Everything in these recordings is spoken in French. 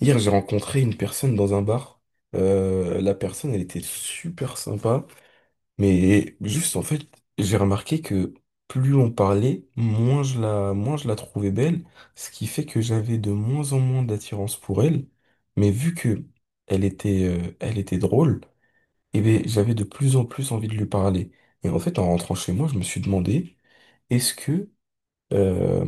Hier, j'ai rencontré une personne dans un bar. La personne, elle était super sympa. Mais juste, en fait, j'ai remarqué que plus on parlait, moins je la trouvais belle. Ce qui fait que j'avais de moins en moins d'attirance pour elle. Mais vu que elle était drôle, eh ben j'avais de plus en plus envie de lui parler. Et en fait, en rentrant chez moi, je me suis demandé, est-ce que, euh,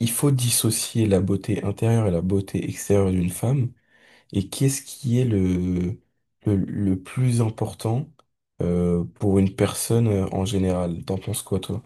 il faut dissocier la beauté intérieure et la beauté extérieure d'une femme? Et qu'est-ce qui est le plus important pour une personne en général? T'en penses quoi, toi?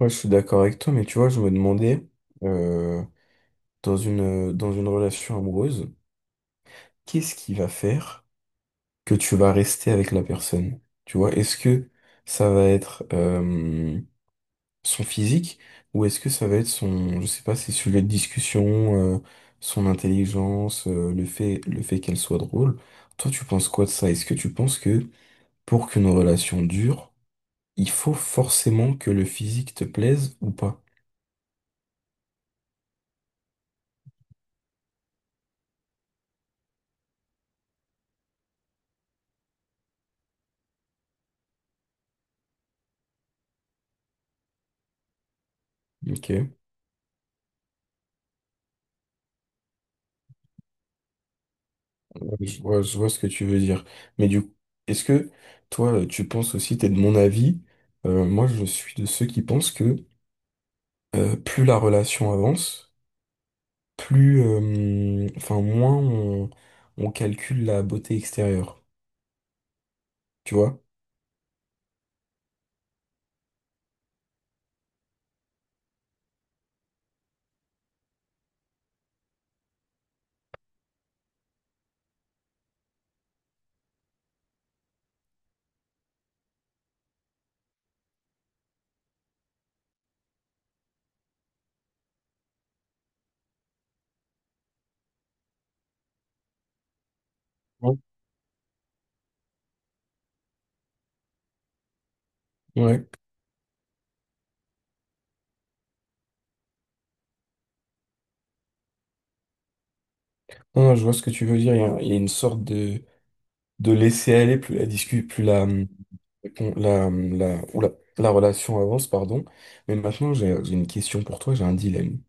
Ouais, je suis d'accord avec toi, mais tu vois, je me demandais, euh, dans une relation amoureuse, qu'est-ce qui va faire que tu vas rester avec la personne? Tu vois, est-ce que ça va être son physique, ou est-ce que ça va être je sais pas, ses sujets de discussion, son intelligence, le fait qu'elle soit drôle. Toi, tu penses quoi de ça? Est-ce que tu penses que pour qu'une relation dure, il faut forcément que le physique te plaise ou pas? Ok, ouais, je vois ce que tu veux dire. Mais du coup, est-ce que toi, tu penses aussi, t'es de mon avis, moi je suis de ceux qui pensent que plus la relation avance, enfin, on calcule la beauté extérieure. Tu vois? Ouais. Ouais. Non, non, je vois ce que tu veux dire. Il y a une sorte de laisser aller, plus la discute, plus la, con- la, la, oula, la relation avance, pardon. Mais maintenant, j'ai une question pour toi, j'ai un dilemme.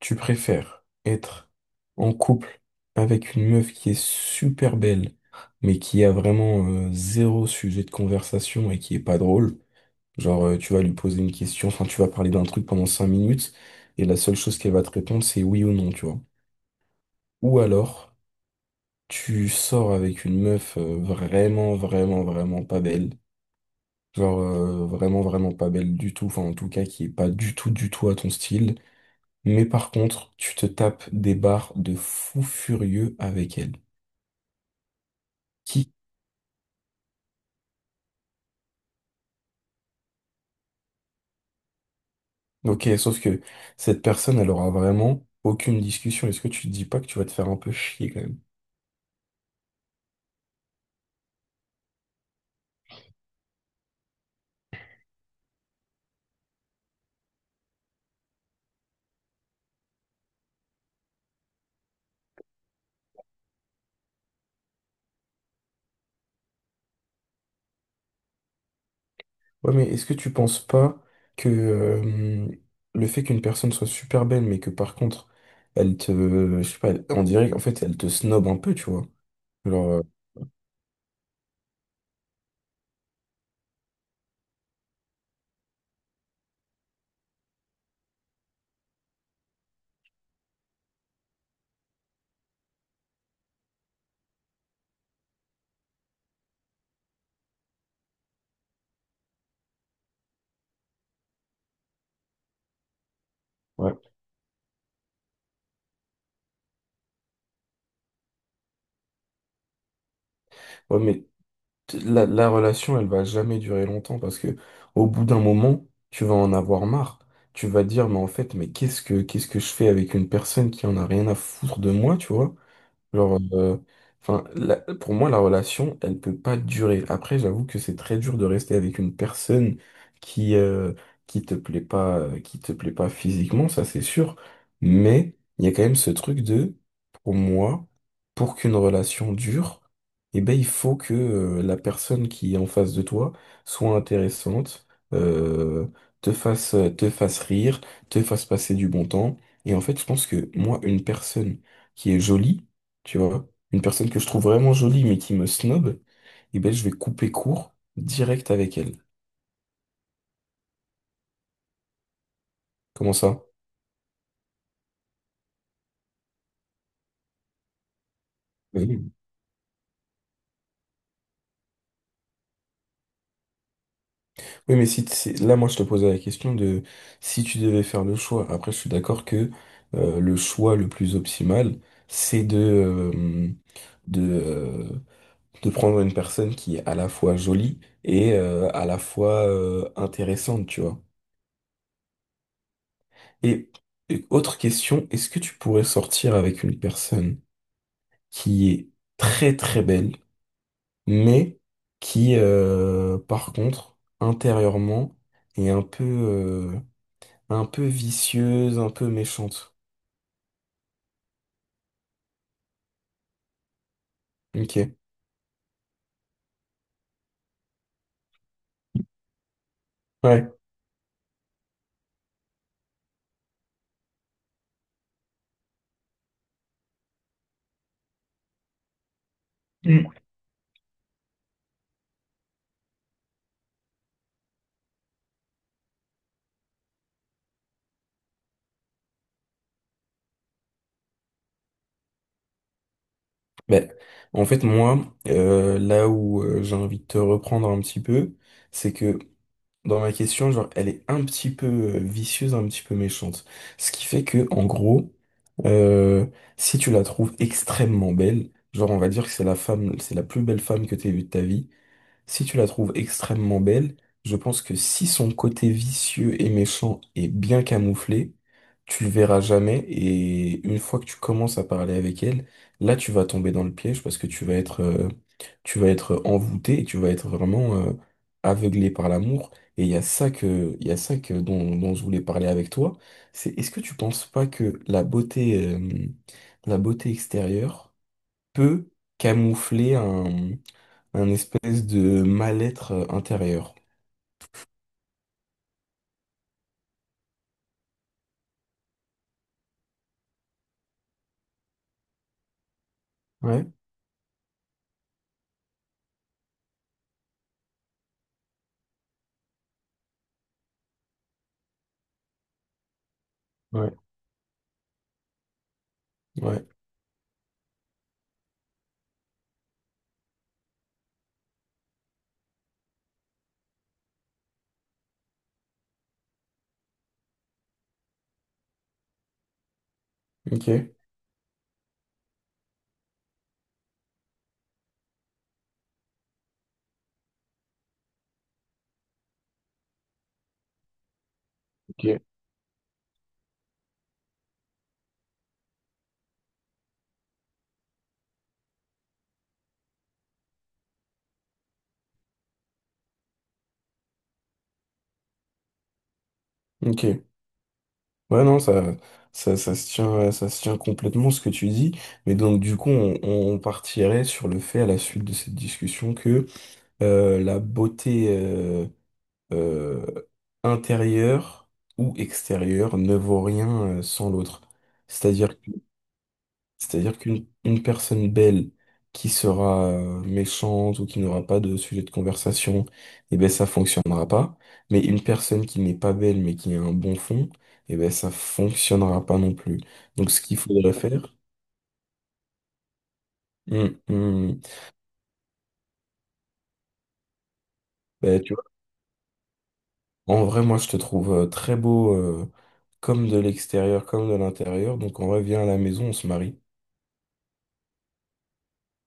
Tu préfères être en couple avec une meuf qui est super belle, mais qui a vraiment zéro sujet de conversation et qui est pas drôle? Genre, tu vas lui poser une question, enfin, tu vas parler d'un truc pendant 5 minutes, et la seule chose qu'elle va te répondre, c'est oui ou non, tu vois. Ou alors, tu sors avec une meuf vraiment, vraiment, vraiment pas belle. Genre, vraiment, vraiment pas belle du tout, enfin, en tout cas, qui est pas du tout, du tout à ton style. Mais par contre, tu te tapes des barres de fou furieux avec elle. Qui? Ok, sauf que cette personne, elle aura vraiment aucune discussion. Est-ce que tu te dis pas que tu vas te faire un peu chier quand même? Ouais, mais est-ce que tu penses pas que le fait qu'une personne soit super belle, mais que par contre, elle te, je sais pas, on dirait qu'en fait, elle te snob un peu, tu vois. Genre, ouais. Ouais, mais la relation, elle va jamais durer longtemps parce que au bout d'un moment, tu vas en avoir marre. Tu vas dire, mais en fait, mais qu'est-ce que je fais avec une personne qui en a rien à foutre de moi, tu vois? Genre, enfin, la- pour moi, la relation, elle peut pas durer. Après, j'avoue que c'est très dur de rester avec une personne qui, euh, qui te plaît pas physiquement, ça c'est sûr. Mais il y a quand même ce truc de, pour moi, pour qu'une relation dure, eh ben, il faut que, la personne qui est en face de toi soit intéressante, euh, te fasse rire, te fasse passer du bon temps. Et en fait, je pense que moi, une personne qui est jolie, tu vois. Une personne que je trouve vraiment jolie mais qui me snob, et ben je vais couper court direct avec elle. Comment ça? Oui. Oui, mais si là, moi, je te posais la question de si tu devais faire le choix. Après, je suis d'accord que le choix le plus optimal, c'est de, euh, de, euh, de prendre une personne qui est à la fois jolie et à la fois intéressante, tu vois. Et, et autre question, est-ce que tu pourrais sortir avec une personne qui est très très belle, mais qui, par contre, intérieurement, est un peu vicieuse, un peu méchante. Ok. Ouais. Mm. Ben, en fait, moi, là où j'ai envie de te reprendre un petit peu, c'est que dans ma question, genre, elle est un petit peu vicieuse, un petit peu méchante. Ce qui fait que, en gros, euh, si tu la trouves extrêmement belle, genre, on va dire que c'est la plus belle femme que t'aies vue de ta vie. Si tu la trouves extrêmement belle, je pense que si son côté vicieux et méchant est bien camouflé, tu le verras jamais, et une fois que tu commences à parler avec elle, là tu vas tomber dans le piège parce que tu vas être envoûté et tu vas être vraiment, aveuglé par l'amour. Et il y a ça que dont je voulais parler avec toi. C'est est-ce que tu penses pas que la beauté extérieure peut camoufler un espèce de mal-être intérieur. Ouais, ouais, ouais, ok, ok. Ok. Ouais, non, ça se tient complètement ce que tu dis. Mais donc, du coup, on partirait sur le fait, à la suite de cette discussion, que la beauté euh, intérieure ou extérieure ne vaut rien sans l'autre. C'est-à-dire. C'est-à-dire qu'une une personne belle qui sera méchante ou qui n'aura pas de sujet de conversation, eh ben ça fonctionnera pas. Mais une personne qui n'est pas belle mais qui a un bon fond, eh ben ça fonctionnera pas non plus. Donc ce qu'il faudrait faire. Hmm, hmm, ben, tu vois, en vrai moi je te trouve très beau, comme de l'extérieur comme de l'intérieur. Donc en vrai viens à la maison, on se marie.